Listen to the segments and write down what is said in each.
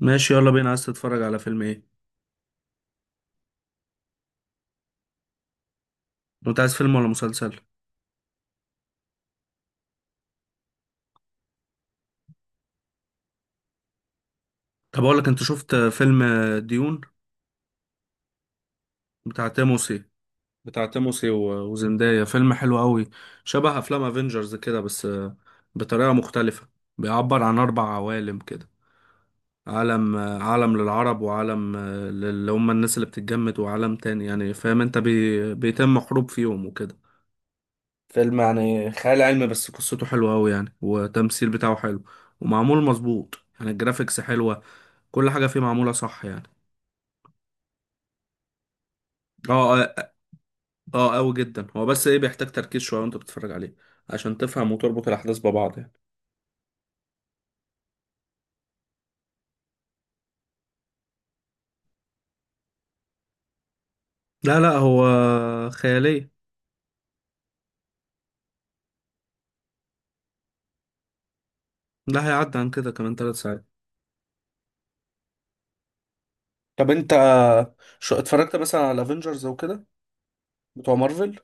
ماشي، يلا بينا. عايز تتفرج على فيلم ايه؟ انت عايز فيلم ولا مسلسل؟ طب اقول لك، انت شفت فيلم ديون؟ بتاع تيموسي بتاع تيموسي و- وزندايا، فيلم حلو قوي. شبه افلام افنجرز كده، بس بطريقة مختلفة. بيعبر عن اربع عوالم كده، عالم للعرب، وعالم اللي هم الناس اللي بتتجمد، وعالم تاني يعني، فاهم انت، بيتم حروب فيهم وكده. فيلم يعني خيال علمي، بس قصته حلوة أوي يعني، والتمثيل بتاعه حلو ومعمول مظبوط، يعني الجرافيكس حلوة. كل حاجة فيه معمولة صح يعني. اه، اه، اه أوي جدا هو، بس ايه بيحتاج تركيز شوية وانت بتتفرج عليه، عشان تفهم وتربط الأحداث ببعض يعني. لا، لا، هو خيالية. لا، هيعدي عن كده كمان 3 ساعات. طب انت، شو اتفرجت مثلا على افنجرز وكده، بتوع مارفل؟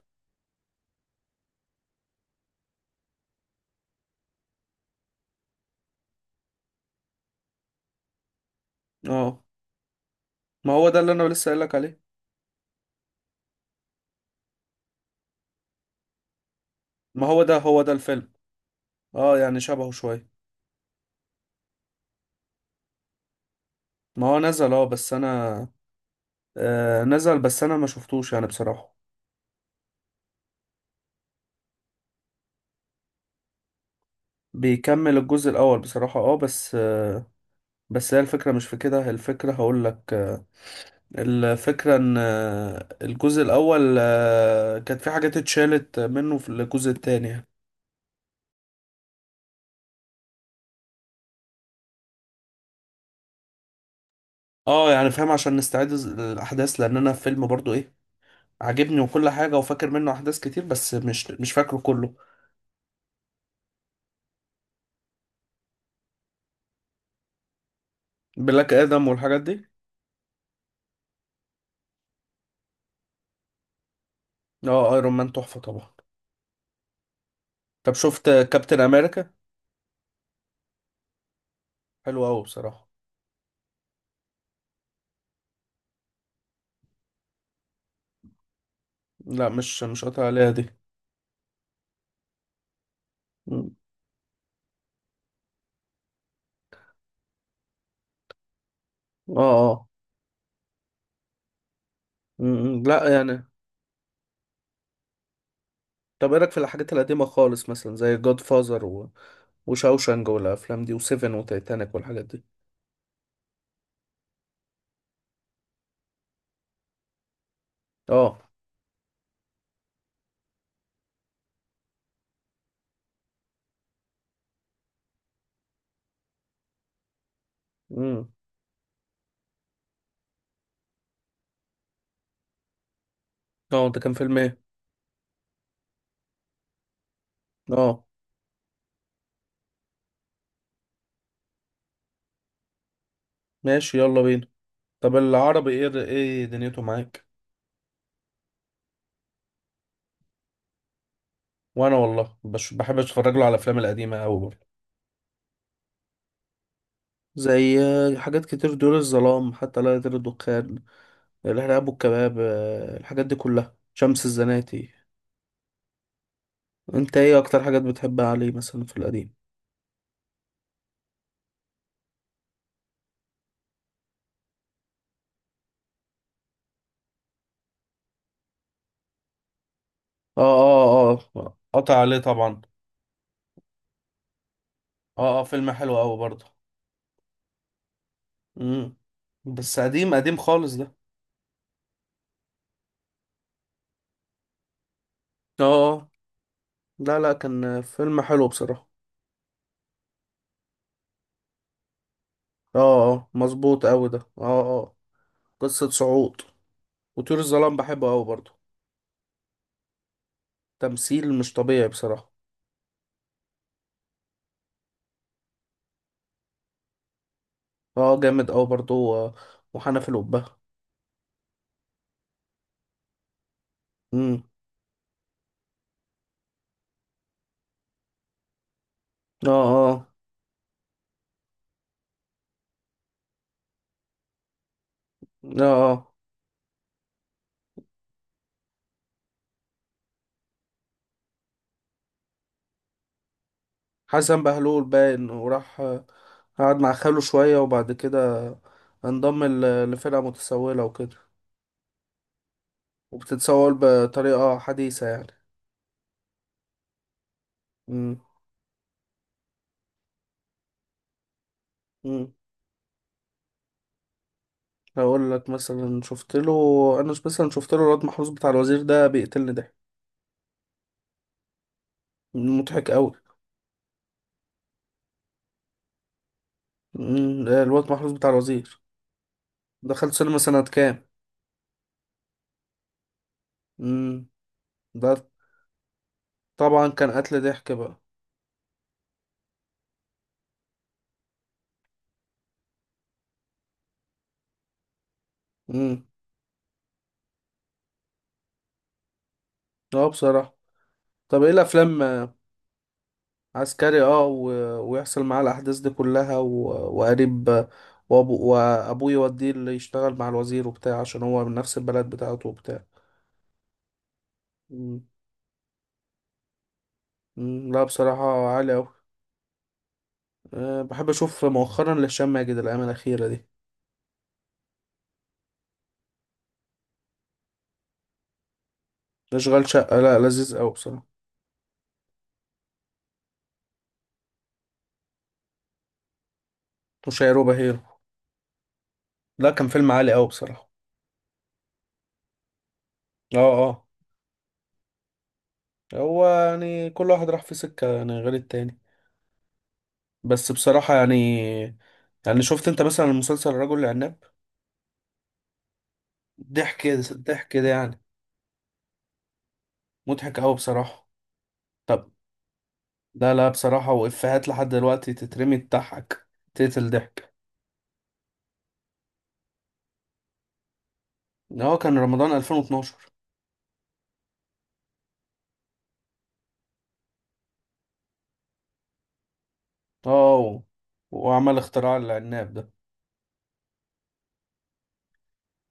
اه، ما هو ده اللي انا لسه قايل لك عليه. ما هو ده، هو ده الفيلم. اه، يعني شبهه شوية. ما هو نزل اه بس انا آه نزل، بس انا ما شفتوش يعني بصراحة. بيكمل الجزء الاول بصراحة، اه، بس هي الفكرة مش في كده، هي الفكرة هقول لك. الفكرة ان الجزء الاول كانت في حاجات اتشالت منه في الجزء التاني يعني. اه، يعني فاهم، عشان نستعيد الاحداث، لان انا فيلم برضو ايه، عاجبني وكل حاجة، وفاكر منه احداث كتير، بس مش فاكره كله. بلاك ادم والحاجات دي. اه، ايرون مان تحفة طبعا. طب شفت كابتن امريكا؟ حلو قوي بصراحة. لا، مش قاطع عليها دي. مم. اه، اه. مم. لا يعني. طب ايه رايك في الحاجات القديمه خالص، مثلا زي جود فازر وشاوشانج والافلام دي، وسيفن وتايتانيك والحاجات دي؟ اه. امم. اه، ده كان فيلم ايه؟ اه، ماشي يلا بينا. طب العربي، ايه دنيته معاك؟ وانا والله، بحب اتفرج له على الافلام القديمه قوي برضه. زي حاجات كتير، دول الظلام، حتى لا يطير الدخان، الارهاب والكباب، الحاجات دي كلها، شمس الزناتي. انت ايه اكتر حاجات بتحبها عليه مثلا في القديم؟ اه، اه، اه، قطع عليه طبعا. اه، اه، فيلم حلو قوي برضه. امم. بس قديم قديم خالص ده. اه، اه. لا، لا، كان فيلم حلو بصراحة. اه، اه، مظبوط قوي ده، اه، اه. قصة صعود، وطيور الظلام بحبه قوي برضه. تمثيل مش طبيعي بصراحة. اه، اه، جامد قوي برضه، و- وحنف القبة. امم، اه، اه، اه، اه، حسن بهلول باين وراح، قعد مع خاله شوية، وبعد كده انضم ل- لفرقة متسولة وكده، وبتتصور بطريقة حديثة يعني. امم، امم. هقول لك مثلا شفت له، انا مثلا شفت له الواد محروس بتاع الوزير، ده بيقتلني ده. مضحك قوي. امم، الواد محروس بتاع الوزير، دخلت سينما سنة كام؟ امم. ده طبعا كان قتل ضحك بقى. امم، اه بصراحة. طب ايه الافلام؟ عسكري، اه، ويحصل معاه الاحداث دي كلها، وقريب، وابوه يوديه اللي يشتغل مع الوزير وبتاع، عشان هو من نفس البلد بتاعته وبتاع. مم، لا بصراحة عالي أوي. أه، بحب أشوف مؤخرا لهشام ماجد الأيام الأخيرة دي. أشغال شقة، لا لذيذ أوي بصراحة. وشيروبا هيرو. لا، كان فيلم عالي أوي بصراحة. اه، اه. هو يعني كل واحد راح في سكة يعني غير التاني، بس بصراحة يعني شفت أنت مثلا مسلسل الرجل العناب؟ ضحك. ضحك ده يعني. مضحك أوي بصراحة. طب. لا، لا بصراحة، وإفيهات لحد دلوقتي تترمي تضحك، تقتل ضحك. هو كان رمضان 2012. اه، وعمل اختراع العناب ده.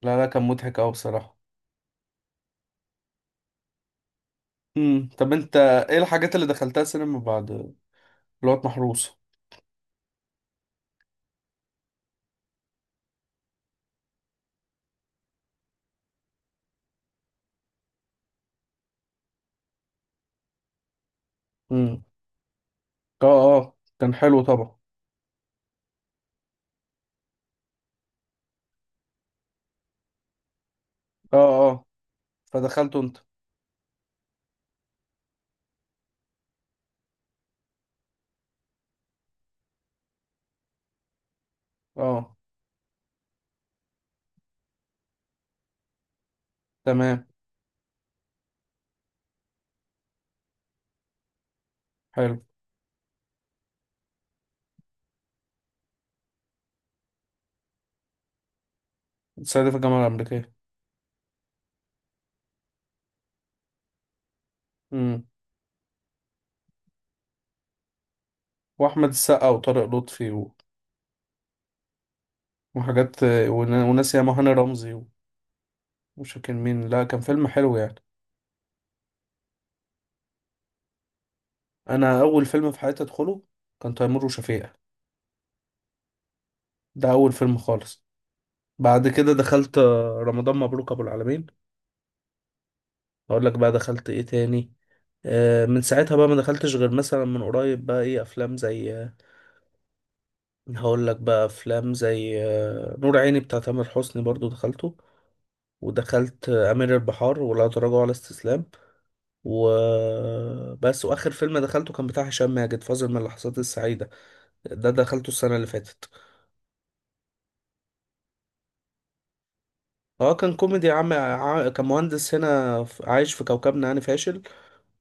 لا، لا، كان مضحك أوي بصراحة. امم، طب انت ايه الحاجات اللي دخلتها سينما بعد الوقت محروس؟ امم، اه، اه، كان حلو طبعا. اه، اه، فدخلته انت؟ اه. تمام. حلو. الصعيدي في الجامعة الأمريكية. امم، وأحمد السقا وطارق لطفي، وحاجات، وناس ياما هاني رمزي، مش فاكر مين. لا، كان فيلم حلو يعني. أنا أول فيلم في حياتي أدخله كان تيمور وشفيقة. ده أول فيلم خالص. بعد كده دخلت رمضان مبروك ابو العالمين. اقول لك بقى دخلت ايه تاني. من ساعتها بقى ما دخلتش، غير مثلا من قريب بقى ايه افلام زي آه، هقول لك بقى افلام زي آه، نور عيني بتاع تامر حسني برضو دخلته. ودخلت امير البحار، ولا تراجع ولا استسلام. وبس، واخر فيلم دخلته كان بتاع هشام ماجد، فاصل من اللحظات السعيده، ده دخلته السنه اللي فاتت. اه، كان كوميدي، كان مهندس هنا، عايش في كوكبنا يعني فاشل.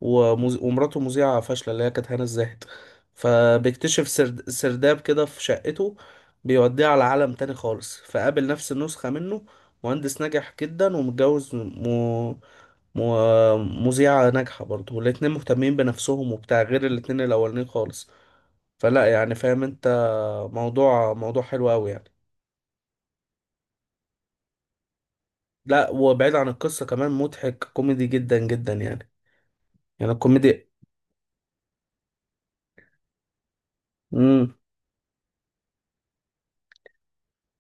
ومراته مذيعة فاشلة، اللي هي كانت هنا الزاهد. فبيكتشف سرداب كده في شقته، بيوديه على عالم تاني خالص، فقابل نفس النسخة منه، مهندس ناجح جدا ومتجوز م... مذيعة ناجحة برضه، والاتنين مهتمين بنفسهم وبتاع، غير الاتنين الأولانيين خالص. فلا يعني فاهم انت، موضوع حلو أوي يعني. لا، وبعيد عن القصة كمان مضحك، كوميدي جدا جدا يعني، يعني الكوميديا. امم،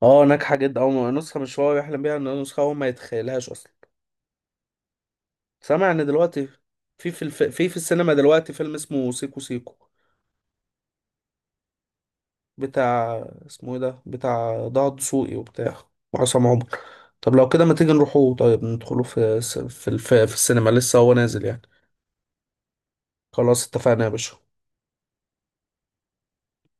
اه ناجحه جدا، او نسخه مش هو يحلم بيها، ان نسخه هو ما يتخيلهاش اصلا. سامع ان دلوقتي في في الف... في في السينما دلوقتي فيلم اسمه سيكو سيكو، بتاع، اسمه ايه ده، بتاع ضاع دسوقي وبتاع، وعصام عمر. طب لو كده ما تيجي نروحوا، طيب ندخلوا في السينما، لسه هو نازل يعني. خلاص، اتفقنا يا باشا.